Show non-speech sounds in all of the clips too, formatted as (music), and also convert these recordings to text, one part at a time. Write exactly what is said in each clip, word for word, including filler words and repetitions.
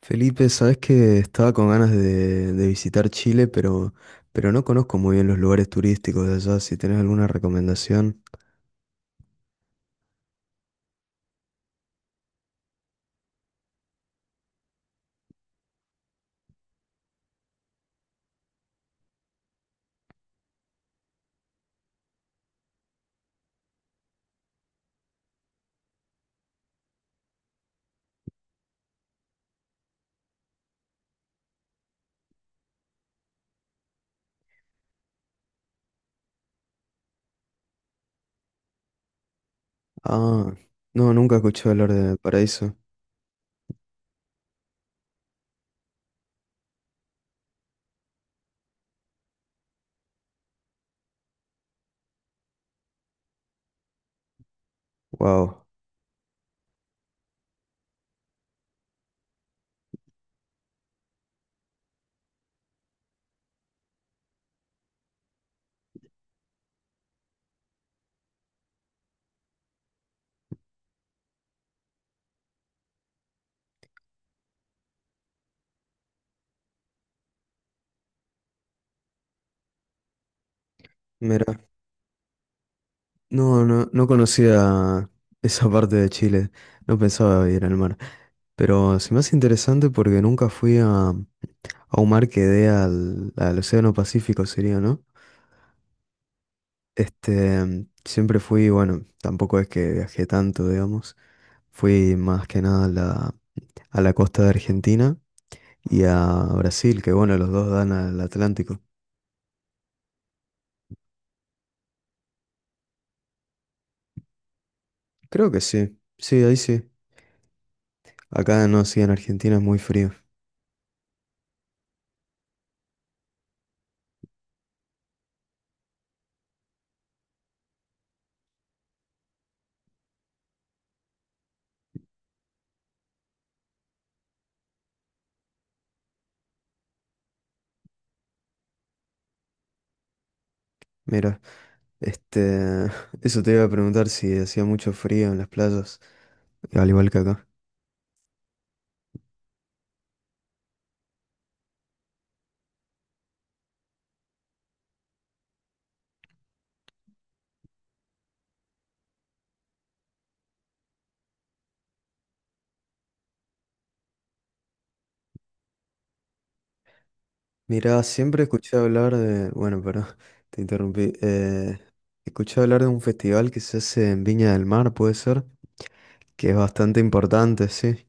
Felipe, sabes que estaba con ganas de, de visitar Chile, pero, pero no conozco muy bien los lugares turísticos de allá. Si tenés alguna recomendación. Ah, no, nunca escuché hablar de Paraíso. Wow, mira, no, no, no conocía (laughs) esa parte de Chile. No pensaba ir al mar. Pero se me hace interesante porque nunca fui a, a un mar que dé al, al Océano Pacífico, sería, ¿no? Este, siempre fui, bueno, tampoco es que viajé tanto, digamos. Fui más que nada a la, a la costa de Argentina y a Brasil, que bueno, los dos dan al Atlántico. Creo que sí, sí, ahí sí. Acá no, sí, en Argentina es muy frío. Mira, este, (laughs) eso te iba a preguntar si hacía mucho frío en las playas, al igual que acá. Mira, siempre escuché hablar de, bueno, pero (laughs) te interrumpí. Eh, escuché hablar de un festival que se hace en Viña del Mar, puede ser, que es bastante importante, sí.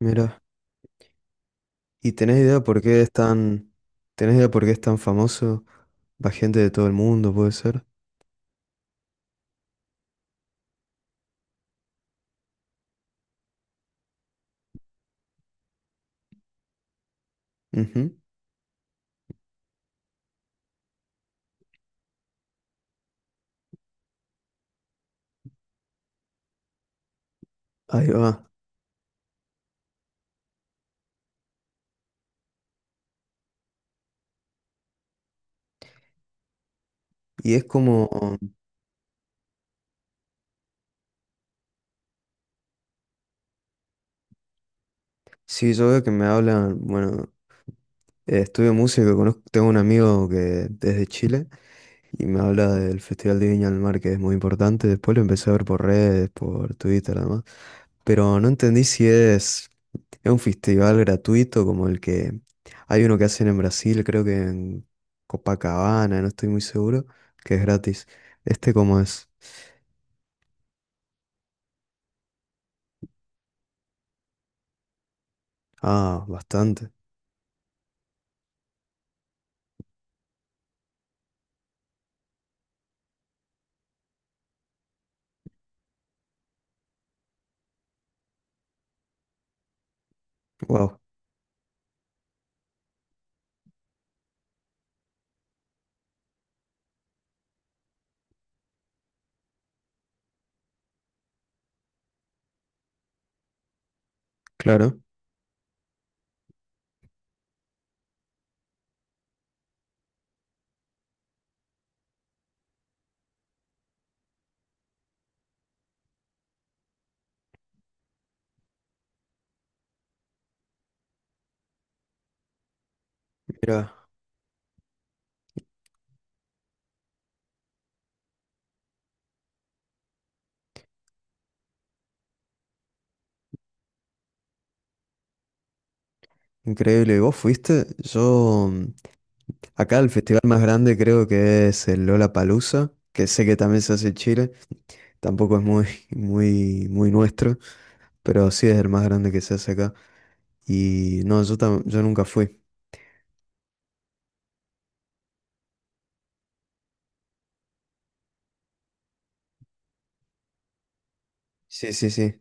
Mira. ¿Y tenés idea por qué es tan, tenés idea por qué es tan famoso? Va gente de todo el mundo, puede ser. Ujú. Ahí va. Y es como, si yo veo que me hablan, bueno, Eh, estudio música, conozco, tengo un amigo que es de Chile y me habla del Festival de Viña del Mar, que es muy importante. Después lo empecé a ver por redes, por Twitter, además. Pero no entendí si es, es un festival gratuito como el que hay uno que hacen en Brasil, creo que en Copacabana, no estoy muy seguro, que es gratis. ¿Este cómo es? Ah, bastante. Wow, claro. Mira, increíble. ¿Vos fuiste? Yo. mm, Acá el festival más grande creo que es el Lollapalooza, que sé que también se hace en Chile, tampoco es muy, (laughs) muy, muy nuestro, pero sí es el más grande que se hace acá. Y no, yo, tam- yo nunca fui. Sí, sí, sí.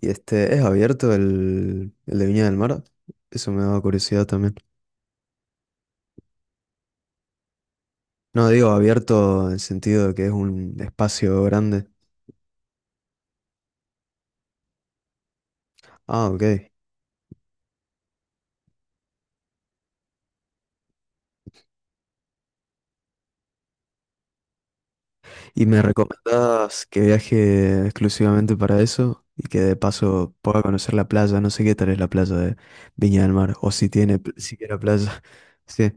Y este, ¿es abierto el, el de Viña del Mar? Eso me daba curiosidad también. No, digo abierto en el sentido de que es un espacio grande. Ah, ok. ¿Y me recomendás que viaje exclusivamente para eso? Y que de paso pueda conocer la playa. No sé qué tal es la playa de Viña del Mar. O si tiene pl- siquiera playa. (laughs) Sí,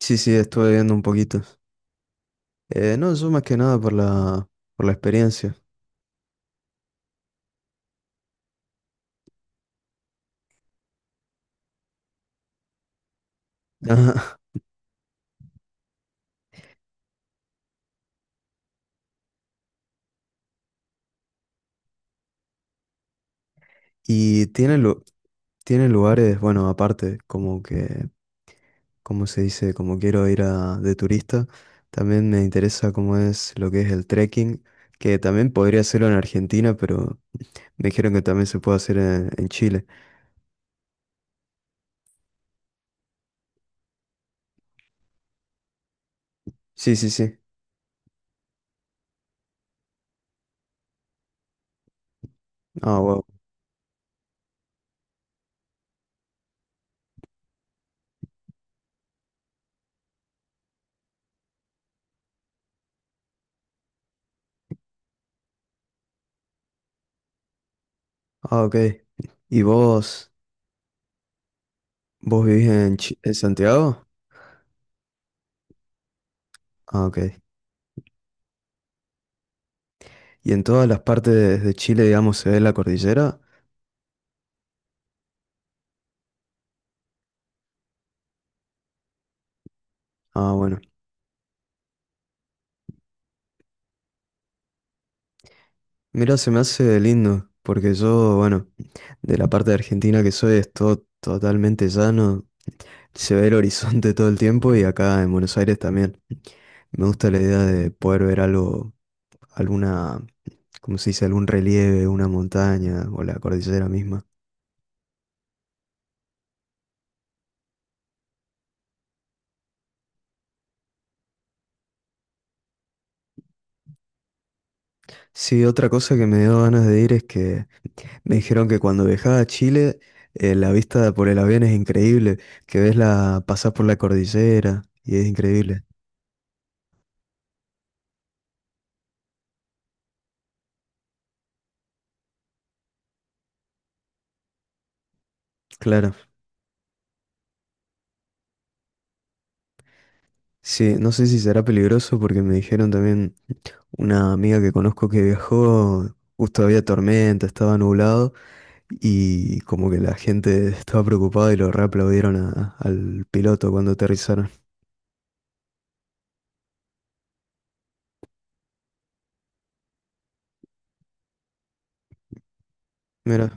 sí, sí, estuve viendo un poquito. Eh, no, yo más que nada por la, por la experiencia. (laughs) Y tiene, lu- tiene lugares, bueno, aparte, como que, como se dice, como quiero ir a, de turista, también me interesa cómo es lo que es el trekking, que también podría hacerlo en Argentina, pero me dijeron que también se puede hacer en, en Chile. Sí, sí, sí. Ah, wow. Ah, ok. ¿Y vos, vos vivís en, Chi- en Santiago? Ah, ok. ¿Y en todas las partes de Chile, digamos, se ve la cordillera? Ah, bueno. Mira, se me hace lindo, porque yo, bueno, de la parte de Argentina que soy es todo totalmente llano, se ve el (laughs) horizonte todo el tiempo y acá en Buenos Aires también. Me gusta la idea de poder ver algo, alguna, ¿cómo se dice? Algún relieve, una montaña o la cordillera misma. Sí, otra cosa que me dio ganas de ir es que me dijeron que cuando viajaba a Chile, eh, la vista por el avión es increíble, que ves la, pasás por la cordillera y es increíble. Claro. Sí, no sé si será peligroso porque me dijeron también una amiga que conozco que viajó, justo había tormenta, estaba nublado y como que la gente estaba preocupada y lo reaplaudieron a- al piloto cuando aterrizaron. Mira,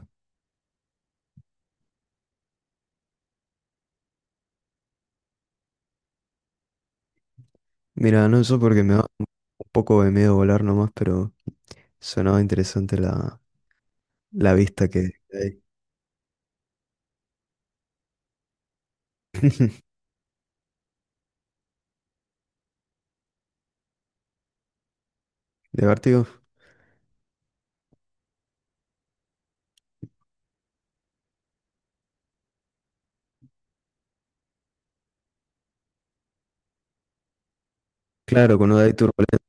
mira, no eso porque me da un poco de miedo volar nomás, pero sonaba interesante la, la vista que hay. (laughs) ¿De vértigo? Claro, cuando hay turbulencia.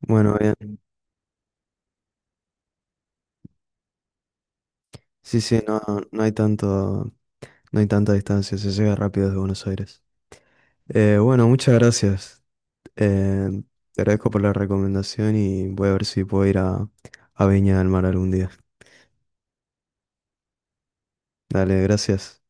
Bueno, bien. Sí, sí, no, no hay tanto, no hay tanta distancia, se llega rápido desde Buenos Aires. Eh, bueno, muchas gracias. Eh, Te agradezco por la recomendación y voy a ver si puedo ir a, a Viña del Mar algún día. Dale, gracias.